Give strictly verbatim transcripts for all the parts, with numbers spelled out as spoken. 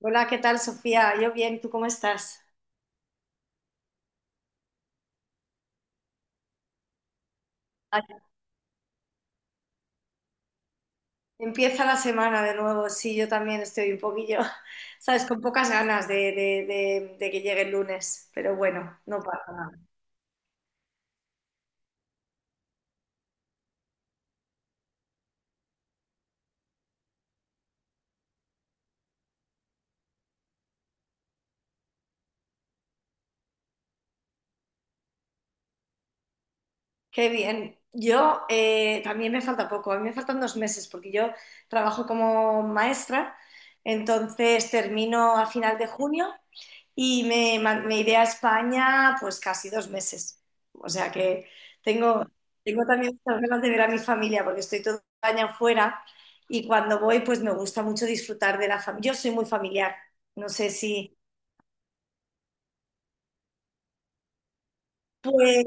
Hola, ¿qué tal, Sofía? Yo bien, ¿tú cómo estás? Ay, empieza la semana de nuevo, sí, yo también estoy un poquillo, sabes, con pocas ganas de, de- de- de que llegue el lunes, pero bueno, no pasa nada. Qué bien. Yo eh, también me falta poco, a mí me faltan dos meses porque yo trabajo como maestra, entonces termino a final de junio y me, me iré a España pues casi dos meses. O sea que tengo, tengo también muchas ganas de ver a mi familia porque estoy toda España fuera y cuando voy pues me gusta mucho disfrutar de la familia. Yo soy muy familiar, no sé si... Pues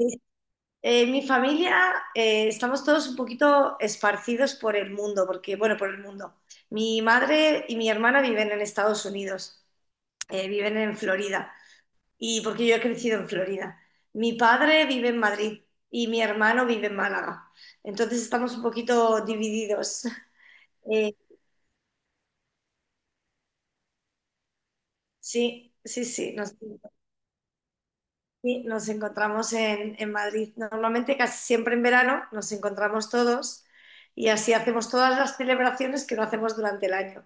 eh, mi familia, eh, estamos todos un poquito esparcidos por el mundo, porque bueno, por el mundo. Mi madre y mi hermana viven en Estados Unidos, eh, viven en Florida, y porque yo he crecido en Florida. Mi padre vive en Madrid y mi hermano vive en Málaga. Entonces estamos un poquito divididos. Eh, sí, sí, sí, nos, sí, nos encontramos en, en, Madrid. Normalmente casi siempre en verano nos encontramos todos y así hacemos todas las celebraciones que no hacemos durante el año.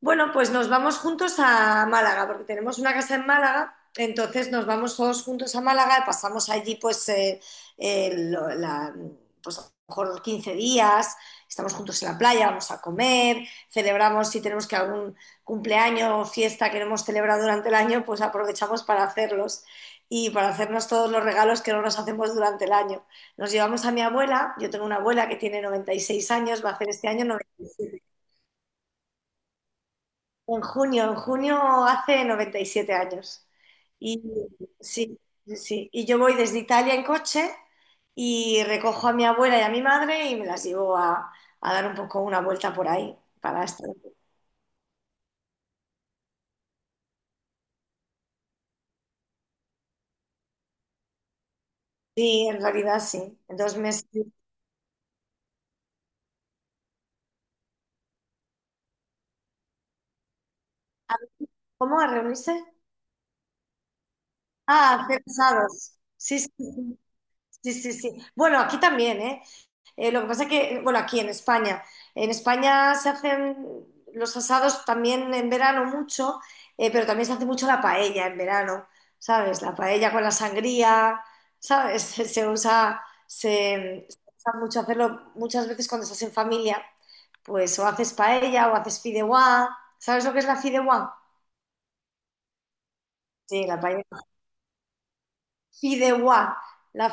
Bueno, pues nos vamos juntos a Málaga, porque tenemos una casa en Málaga, entonces nos vamos todos juntos a Málaga, pasamos allí pues, eh, eh, lo- la- pues a lo mejor quince días, estamos juntos en la playa, vamos a comer, celebramos si tenemos que algún cumpleaños o fiesta que no hemos celebrado durante el año, pues aprovechamos para hacerlos y para hacernos todos los regalos que no nos hacemos durante el año. Nos llevamos a mi abuela, yo tengo una abuela que tiene noventa y seis años, va a hacer este año noventa y siete. En junio, en junio hace noventa y siete años. Y sí, sí, sí. Y yo voy desde Italia en coche y recojo a mi abuela y a mi madre y me las llevo a, a dar un poco una vuelta por ahí para estar. Sí, en realidad sí. En dos meses. ¿Cómo a reunirse? Ah, a hacer asados. Sí, sí, sí. Sí, sí, sí. Bueno, aquí también, ¿eh? Eh, lo que pasa es que, bueno, aquí en España, en España se hacen los asados también en verano mucho, eh, pero también se hace mucho la paella en verano, ¿sabes? La paella con la sangría, ¿sabes? Se, se usa, se, se usa mucho hacerlo muchas veces cuando estás en familia, pues o haces paella o haces fideuá, ¿sabes lo que es la fideuá? Sí, la paella. Fideuá. La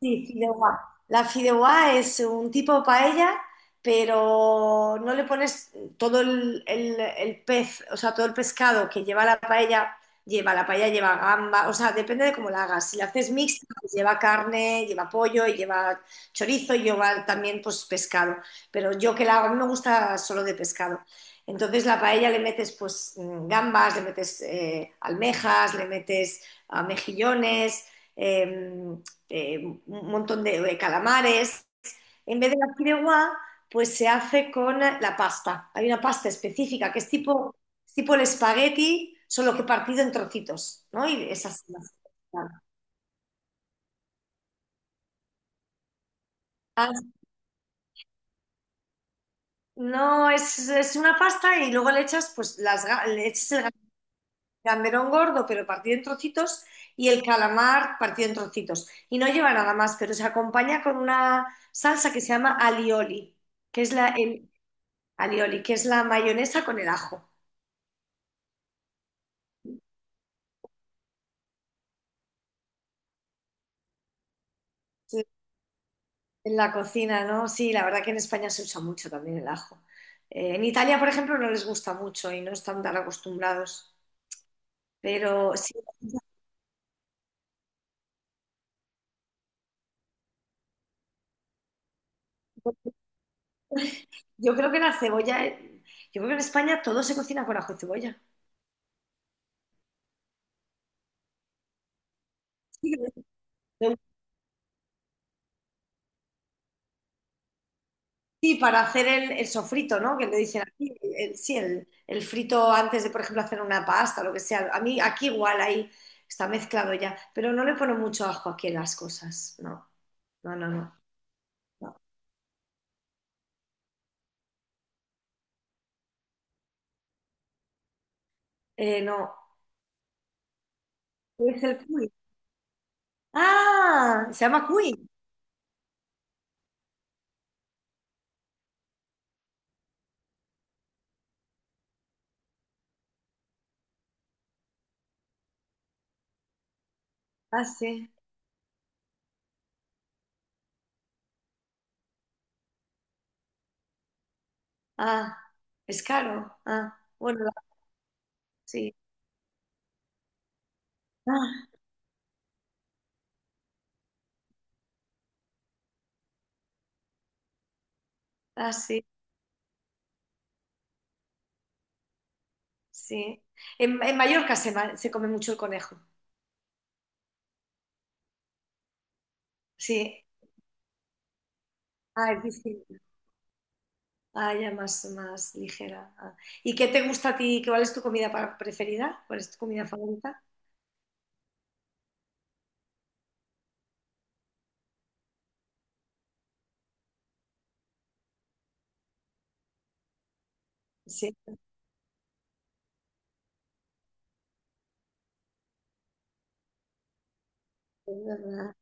Sí, fideuá. La fideuá es un tipo de paella, pero no le pones todo el, el- el pez, o sea, todo el pescado que lleva la paella, lleva la paella, lleva gamba, o sea, depende de cómo la hagas. Si la haces mixta, pues lleva carne, lleva pollo, y lleva chorizo y lleva también pues pescado. Pero yo que la hago, a mí me gusta solo de pescado. Entonces la paella le metes pues mm, gambas, le metes eh, almejas, le metes ah, mejillones, em, eh, un montón de, de calamares. En vez de la fideuá, pues se hace con la pasta. Hay una pasta específica que es tipo, es tipo el espagueti, solo que partido en trocitos, ¿no? Y es así. Ah, no, es, es una pasta y luego le echas, pues, las, ga- le echas el gamberón gordo, pero partido en trocitos, y el calamar partido en trocitos. Y no lleva nada más, pero se acompaña con una salsa que se llama alioli, que es la, Alioli, que es la mayonesa con el ajo. Sí, en la cocina, ¿no? Sí, la verdad que en España se usa mucho también el ajo. Eh, en Italia, por ejemplo, no les gusta mucho y no están tan acostumbrados. Pero sí, yo creo que la cebolla, eh, yo creo que en España todo se cocina con ajo y cebolla. Sí, de- sí, para hacer el, el sofrito, ¿no? Que le dicen aquí, el- el- sí, el, el frito antes de, por ejemplo, hacer una pasta, lo que sea. A mí aquí igual ahí está mezclado ya, pero no le ponen mucho ajo aquí a las cosas, no, no, no, no. no. Eh, no, es el cuy. Ah, se llama cuy. Ah, sí. Ah, es caro. Ah, bueno, la- sí. Ah, ah, sí, sí. En, en Mallorca se, ma- se come mucho el conejo. Sí. Ah, es distinto. Ah, ya más, más ligera. Ah. ¿Y qué te gusta a ti? ¿Cuál es tu comida pa- preferida? ¿Cuál es tu comida favorita? Sí, es verdad.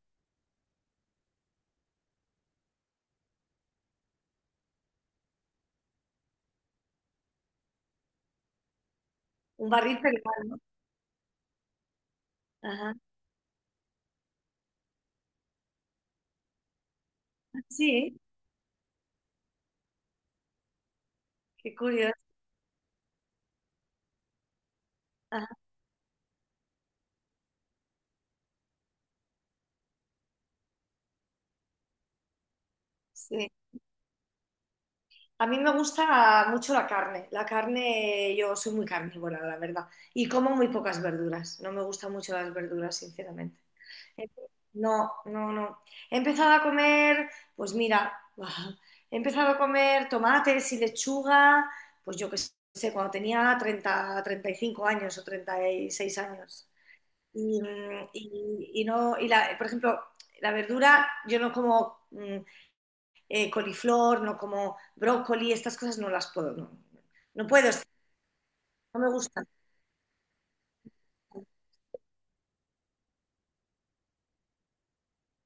Un barril peruano. Ajá. Sí, qué curioso. Ajá, sí. A mí me gusta mucho la carne. La carne, yo soy muy carnívora, la verdad. Y como muy pocas verduras. No me gustan mucho las verduras, sinceramente. Empe- No, no, no. He empezado a comer, pues mira, he empezado a comer tomates y lechuga, pues yo qué sé, cuando tenía treinta, treinta y cinco años o treinta y seis años. Y, mm, y- y no, y la- por ejemplo, la verdura, yo no como mm, eh, coliflor, no como brócoli, estas cosas no las puedo, no, no puedo, no me gustan.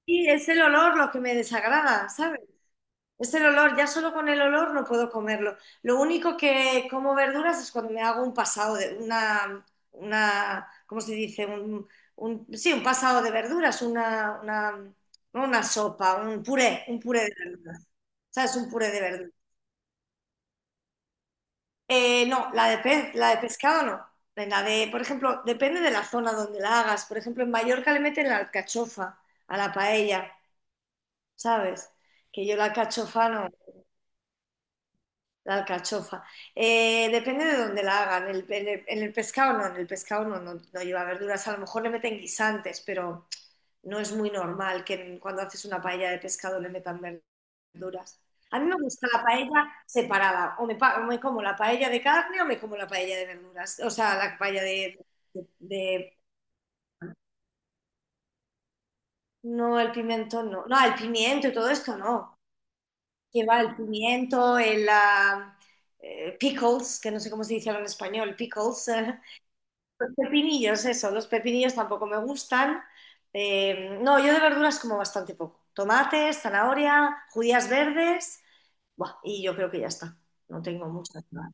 Y es el olor lo que me desagrada, ¿sabes? Es el olor, ya solo con el olor no puedo comerlo. Lo único que como verduras es cuando me hago un pasado de una, una, ¿cómo se dice? Un, un- sí, un pasado de verduras, una, una, no una sopa, un puré, un puré de verduras. ¿Sabes? Un puré de verduras. Eh, no, la de pez, la de pescado no. La de, por ejemplo, depende de la zona donde la hagas. Por ejemplo, en Mallorca le meten la alcachofa a la paella, ¿sabes? Que yo la alcachofa no, la alcachofa. Eh, depende de donde la hagan. El- en, el, en el pescado no, en el pescado no, no, no lleva verduras. A lo mejor le meten guisantes, pero no es muy normal que cuando haces una paella de pescado le metan verduras. A mí me gusta la paella separada, o me, pa- o me como la paella de carne o me como la paella de verduras, o sea, la paella de, de- No, el pimiento no, no, el pimiento y todo esto no. Lleva el pimiento, el ah, eh, pickles, que no sé cómo se dice ahora en español, pickles, Los pepinillos, eso, los pepinillos tampoco me gustan. Eh, no, yo de verduras como bastante poco. Tomates, zanahoria, judías verdes, buah, y yo creo que ya está. No tengo muchas más.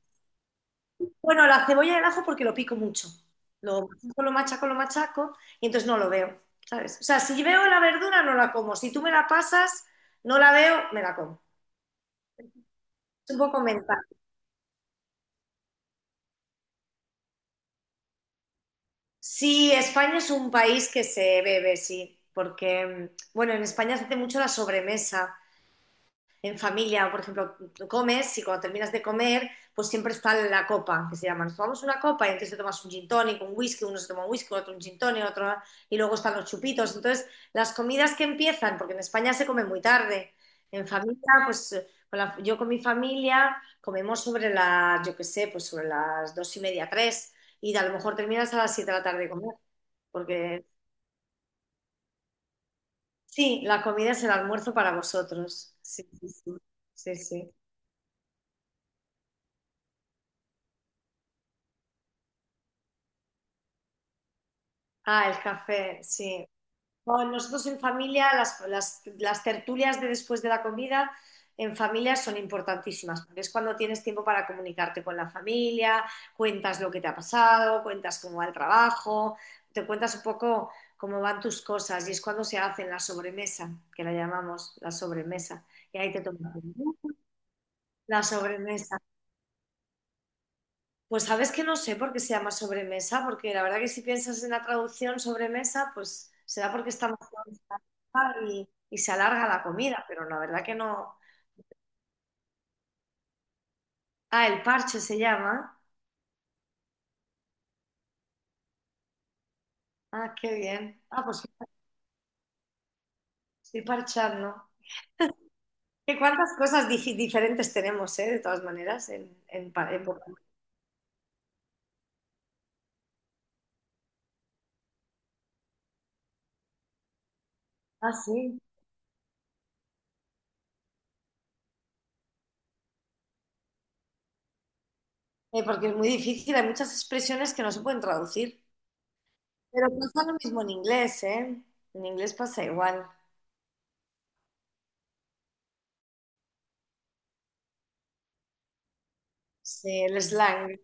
Bueno, la cebolla y el ajo porque lo pico mucho. Lo machaco, lo machaco, lo machaco, y entonces no lo veo, ¿sabes? O sea, si veo la verdura, no la como. Si tú me la pasas, no la veo, me la como. Es un poco mental. Sí, España es un país que se bebe, sí, porque, mm, bueno, en España se hace mucho la sobremesa, en familia, por ejemplo, comes y cuando terminas de comer, pues siempre está la copa, que se llama, nos tomamos una copa y entonces te tomas un gin tonic, un whisky, uno se toma un whisky, otro un gin tonic, otro, y luego están los chupitos. Entonces, las comidas que empiezan, porque en España se come muy tarde, en familia, pues con la- yo con mi familia comemos sobre las, yo qué sé, pues sobre las dos y media, tres, y a lo mejor terminas a las siete de la tarde de comer, porque sí, la comida es el almuerzo para vosotros. Sí, sí, sí, sí, sí. Ah, el café, sí. Bueno, nosotros en familia, las, las- las tertulias de después de la comida en familia son importantísimas, porque es cuando tienes tiempo para comunicarte con la familia, cuentas lo que te ha pasado, cuentas cómo va el trabajo, te cuentas un poco cómo van tus cosas y es cuando se hacen la sobremesa, que la llamamos la sobremesa. Y ahí te tomas un- la sobremesa. Pues sabes que no sé por qué se llama sobremesa, porque la verdad que si piensas en la traducción sobremesa, pues será porque estamos todos en la mesa y, y se alarga la comida, pero la verdad que no. Ah, el parche se llama. Ah, qué bien. Ah, pues estoy parchando. ¿Qué cuántas cosas difi- diferentes tenemos, eh, de todas maneras, en, en pa- época? Ah, sí. Eh, porque es muy difícil, hay muchas expresiones que no se pueden traducir. Pero pasa lo mismo en inglés, ¿eh? En inglés pasa igual. Sí, el slang.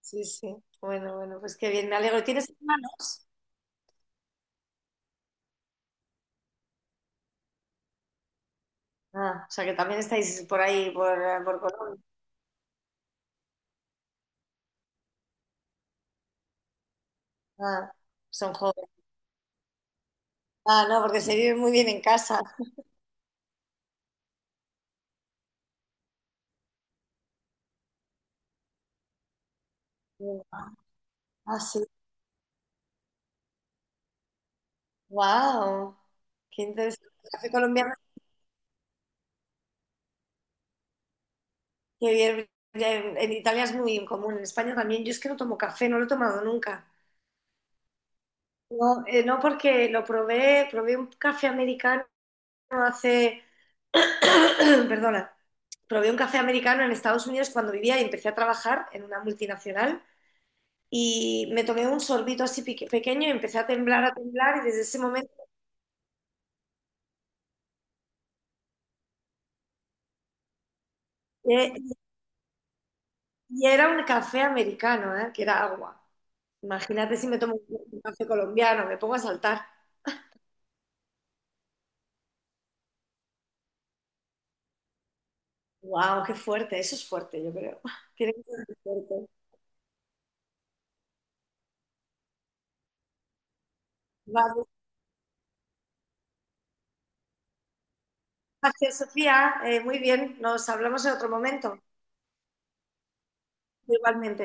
Sí, sí. Bueno, bueno, pues qué bien, me alegro. ¿Tienes hermanos? Ah, o sea que también estáis por ahí, por, eh, por Colombia. Ah, son jóvenes. Ah, no, porque se vive muy bien en casa. Ah, sí. Wow. Qué interesante. El café colombiano, qué bien. Ya. En, en Italia es muy común, en España también. Yo es que no tomo café, no lo he tomado nunca. No, eh, no porque lo probé, probé un café americano hace, perdona, probé un café americano en Estados Unidos cuando vivía y empecé a trabajar en una multinacional, y me tomé un sorbito así pique- pequeño y empecé a temblar, a temblar, y desde ese momento, eh, y era un café americano, ¿eh? Que era agua. Imagínate si me tomo un café colombiano, me pongo a saltar. ¡Wow! ¡Qué fuerte! Eso es fuerte, yo creo. Tiene que ser muy fuerte. Vale, gracias, Sofía. Eh, muy bien, nos hablamos en otro momento. Igualmente.